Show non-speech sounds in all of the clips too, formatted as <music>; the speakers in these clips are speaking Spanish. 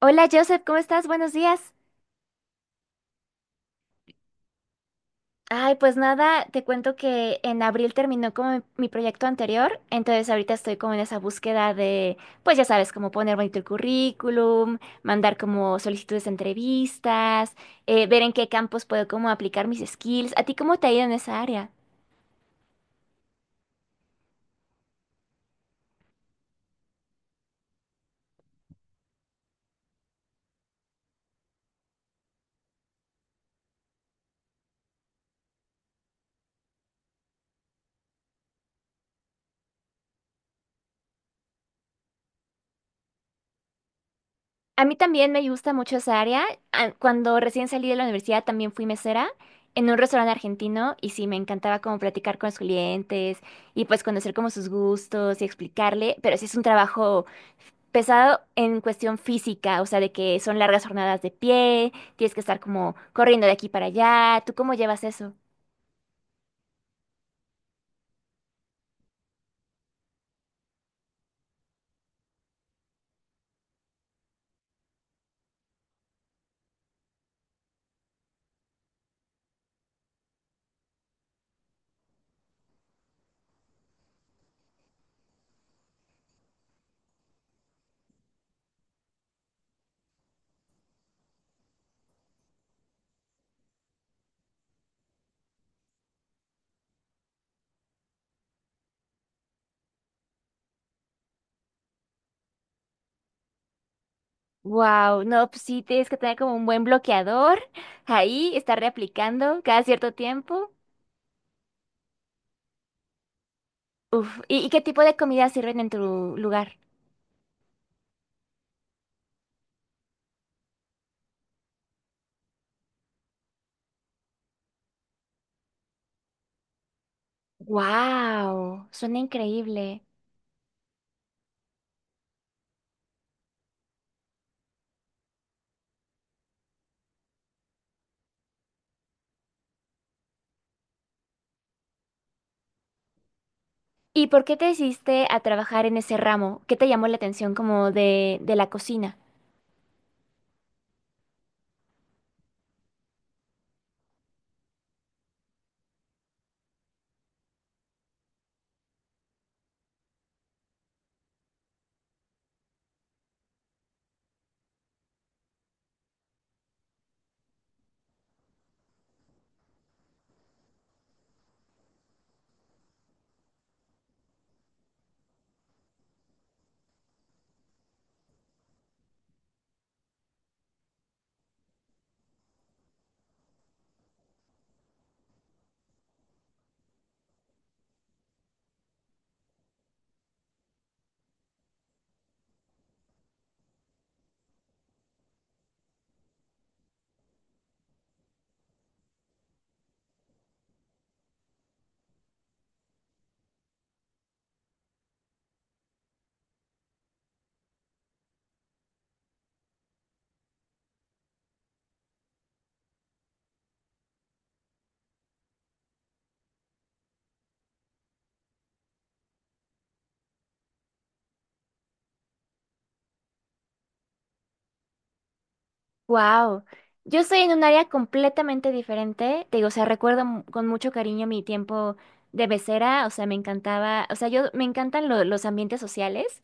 Hola Joseph, ¿cómo estás? Buenos días. Ay, pues nada, te cuento que en abril terminó como mi proyecto anterior, entonces ahorita estoy como en esa búsqueda de, pues ya sabes, como poner bonito el currículum, mandar como solicitudes de entrevistas, ver en qué campos puedo como aplicar mis skills. ¿A ti cómo te ha ido en esa área? A mí también me gusta mucho esa área. Ah, cuando recién salí de la universidad también fui mesera en un restaurante argentino y sí, me encantaba como platicar con los clientes y pues conocer como sus gustos y explicarle, pero sí es un trabajo pesado en cuestión física, o sea, de que son largas jornadas de pie, tienes que estar como corriendo de aquí para allá. ¿Tú cómo llevas eso? Wow, no, pues sí, tienes que tener como un buen bloqueador ahí, estar reaplicando cada cierto tiempo. Uf, ¿y qué tipo de comida sirven en tu lugar? Wow, suena increíble. ¿Y por qué te decidiste a trabajar en ese ramo? ¿Qué te llamó la atención como de la cocina? Wow, yo estoy en un área completamente diferente. Te digo, o sea, recuerdo con mucho cariño mi tiempo de becera, o sea, me encantaba, o sea, yo me encantan los ambientes sociales.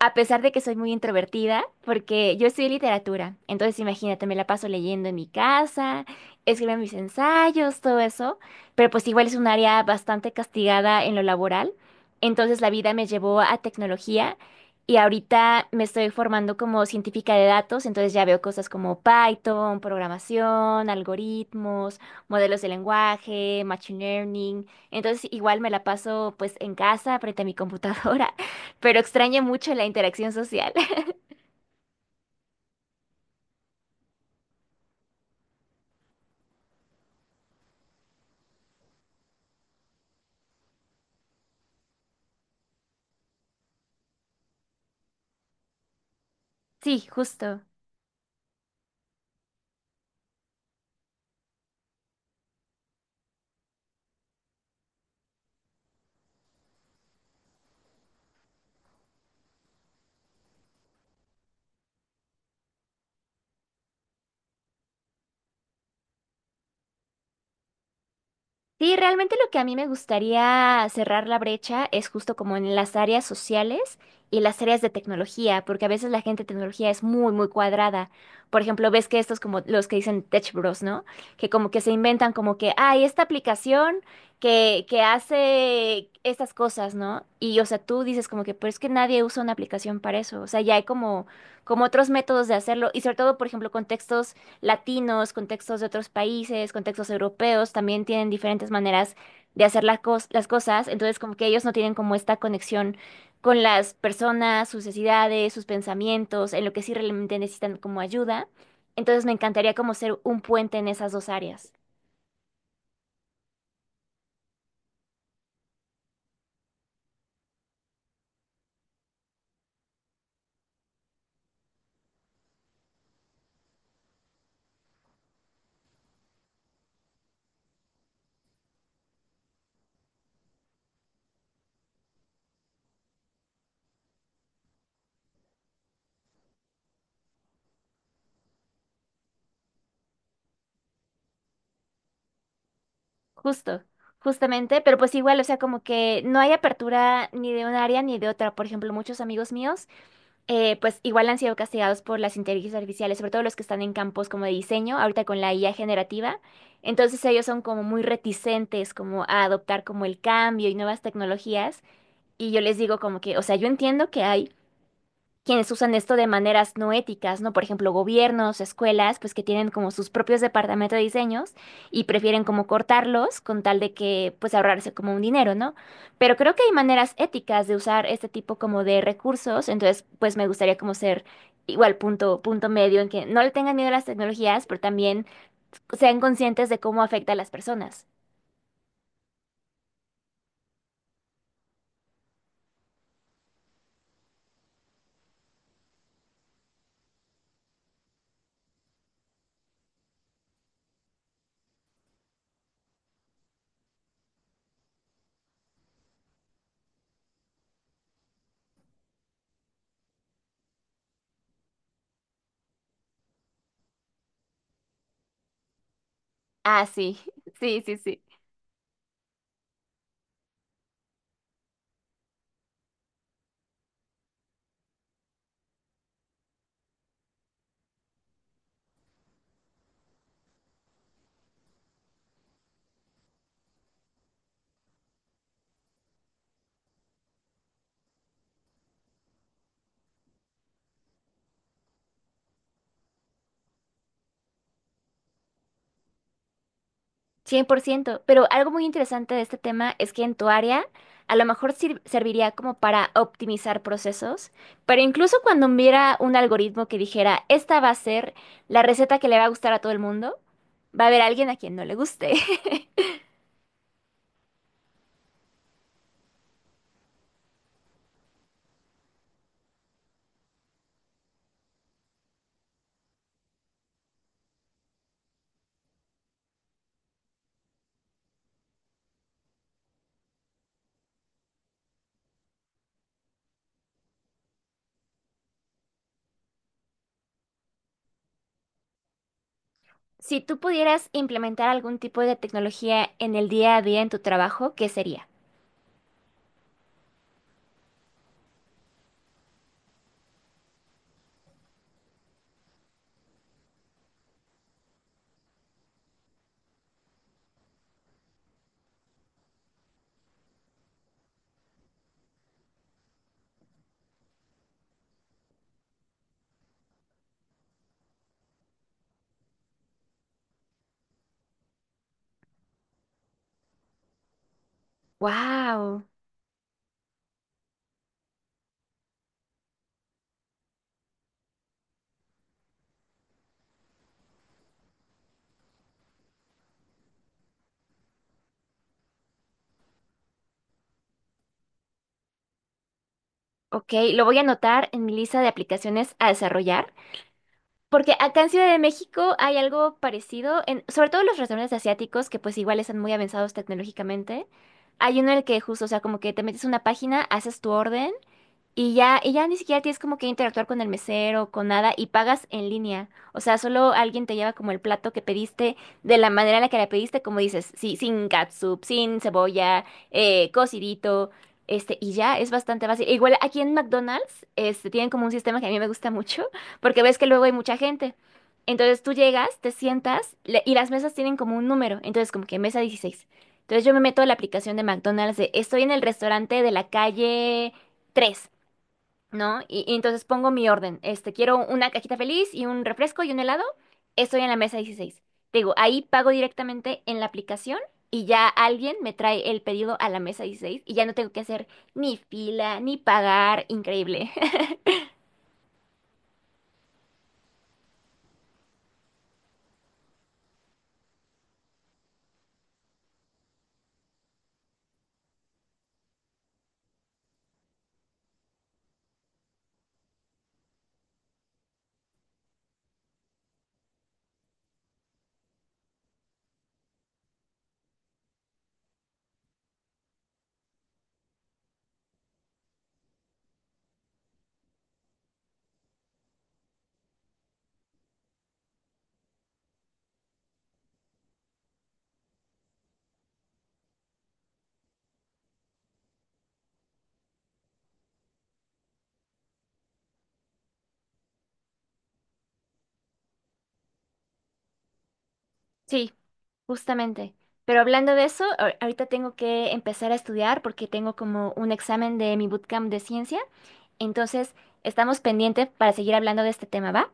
A pesar de que soy muy introvertida, porque yo estudié literatura, entonces imagínate, me la paso leyendo en mi casa, escribiendo mis ensayos, todo eso, pero pues igual es un área bastante castigada en lo laboral, entonces la vida me llevó a tecnología y ahorita me estoy formando como científica de datos, entonces ya veo cosas como Python, programación, algoritmos, modelos de lenguaje, machine learning, entonces igual me la paso pues en casa frente a mi computadora pero extraña mucho la interacción social. <laughs> Sí, justo. Sí, realmente lo que a mí me gustaría cerrar la brecha es justo como en las áreas sociales y las áreas de tecnología, porque a veces la gente de tecnología es muy, muy cuadrada. Por ejemplo, ves que estos como los que dicen Tech Bros, ¿no? Que como que se inventan como que, ay, esta aplicación que hace estas cosas, ¿no? Y o sea, tú dices como que, pero es que nadie usa una aplicación para eso. O sea, ya hay como, como otros métodos de hacerlo y sobre todo, por ejemplo, contextos latinos, contextos de otros países, contextos europeos, también tienen diferentes maneras de hacer las cosas, entonces como que ellos no tienen como esta conexión con las personas, sus necesidades, sus pensamientos, en lo que sí realmente necesitan como ayuda. Entonces me encantaría como ser un puente en esas dos áreas. Justo, justamente, pero pues igual, o sea, como que no hay apertura ni de un área ni de otra. Por ejemplo, muchos amigos míos pues igual han sido castigados por las inteligencias artificiales, sobre todo los que están en campos como de diseño, ahorita con la IA generativa. Entonces ellos son como muy reticentes como a adoptar como el cambio y nuevas tecnologías. Y yo les digo como que, o sea, yo entiendo que hay quienes usan esto de maneras no éticas, ¿no? Por ejemplo, gobiernos, escuelas, pues que tienen como sus propios departamentos de diseños y prefieren como cortarlos con tal de que pues ahorrarse como un dinero, ¿no? Pero creo que hay maneras éticas de usar este tipo como de recursos, entonces pues me gustaría como ser igual punto, punto medio en que no le tengan miedo a las tecnologías, pero también sean conscientes de cómo afecta a las personas. Ah, sí, <laughs> sí, sí, sí. Cien por ciento, pero algo muy interesante de este tema es que en tu área a lo mejor serviría como para optimizar procesos, pero incluso cuando hubiera un algoritmo que dijera, esta va a ser la receta que le va a gustar a todo el mundo, va a haber alguien a quien no le guste. <laughs> Si tú pudieras implementar algún tipo de tecnología en el día a día en tu trabajo, ¿qué sería? Wow, ok, lo voy a anotar en mi lista de aplicaciones a desarrollar. Porque acá en Ciudad de México hay algo parecido, en, sobre todo en los restaurantes asiáticos, que pues igual están muy avanzados tecnológicamente. Hay uno en el que justo, o sea, como que te metes a una página, haces tu orden y ya ni siquiera tienes como que interactuar con el mesero, con nada, y pagas en línea. O sea, solo alguien te lleva como el plato que pediste, de la manera en la que la pediste, como dices, sí, sin catsup, sin cebolla, cocidito, este, y ya es bastante fácil. E igual aquí en McDonald's, este, tienen como un sistema que a mí me gusta mucho, <laughs> porque ves que luego hay mucha gente. Entonces tú llegas, te sientas, y las mesas tienen como un número, entonces como que mesa 16. Entonces yo me meto a la aplicación de McDonald's de, estoy en el restaurante de la calle... tres, ¿no? Y entonces pongo mi orden. Este, quiero una cajita feliz y un refresco y un helado. Estoy en la mesa 16. Te digo, ahí pago directamente en la aplicación y ya alguien me trae el pedido a la mesa 16 y ya no tengo que hacer ni fila ni pagar. Increíble. <laughs> Sí, justamente. Pero hablando de eso, ahorita tengo que empezar a estudiar porque tengo como un examen de mi bootcamp de ciencia. Entonces, estamos pendientes para seguir hablando de este tema, ¿va?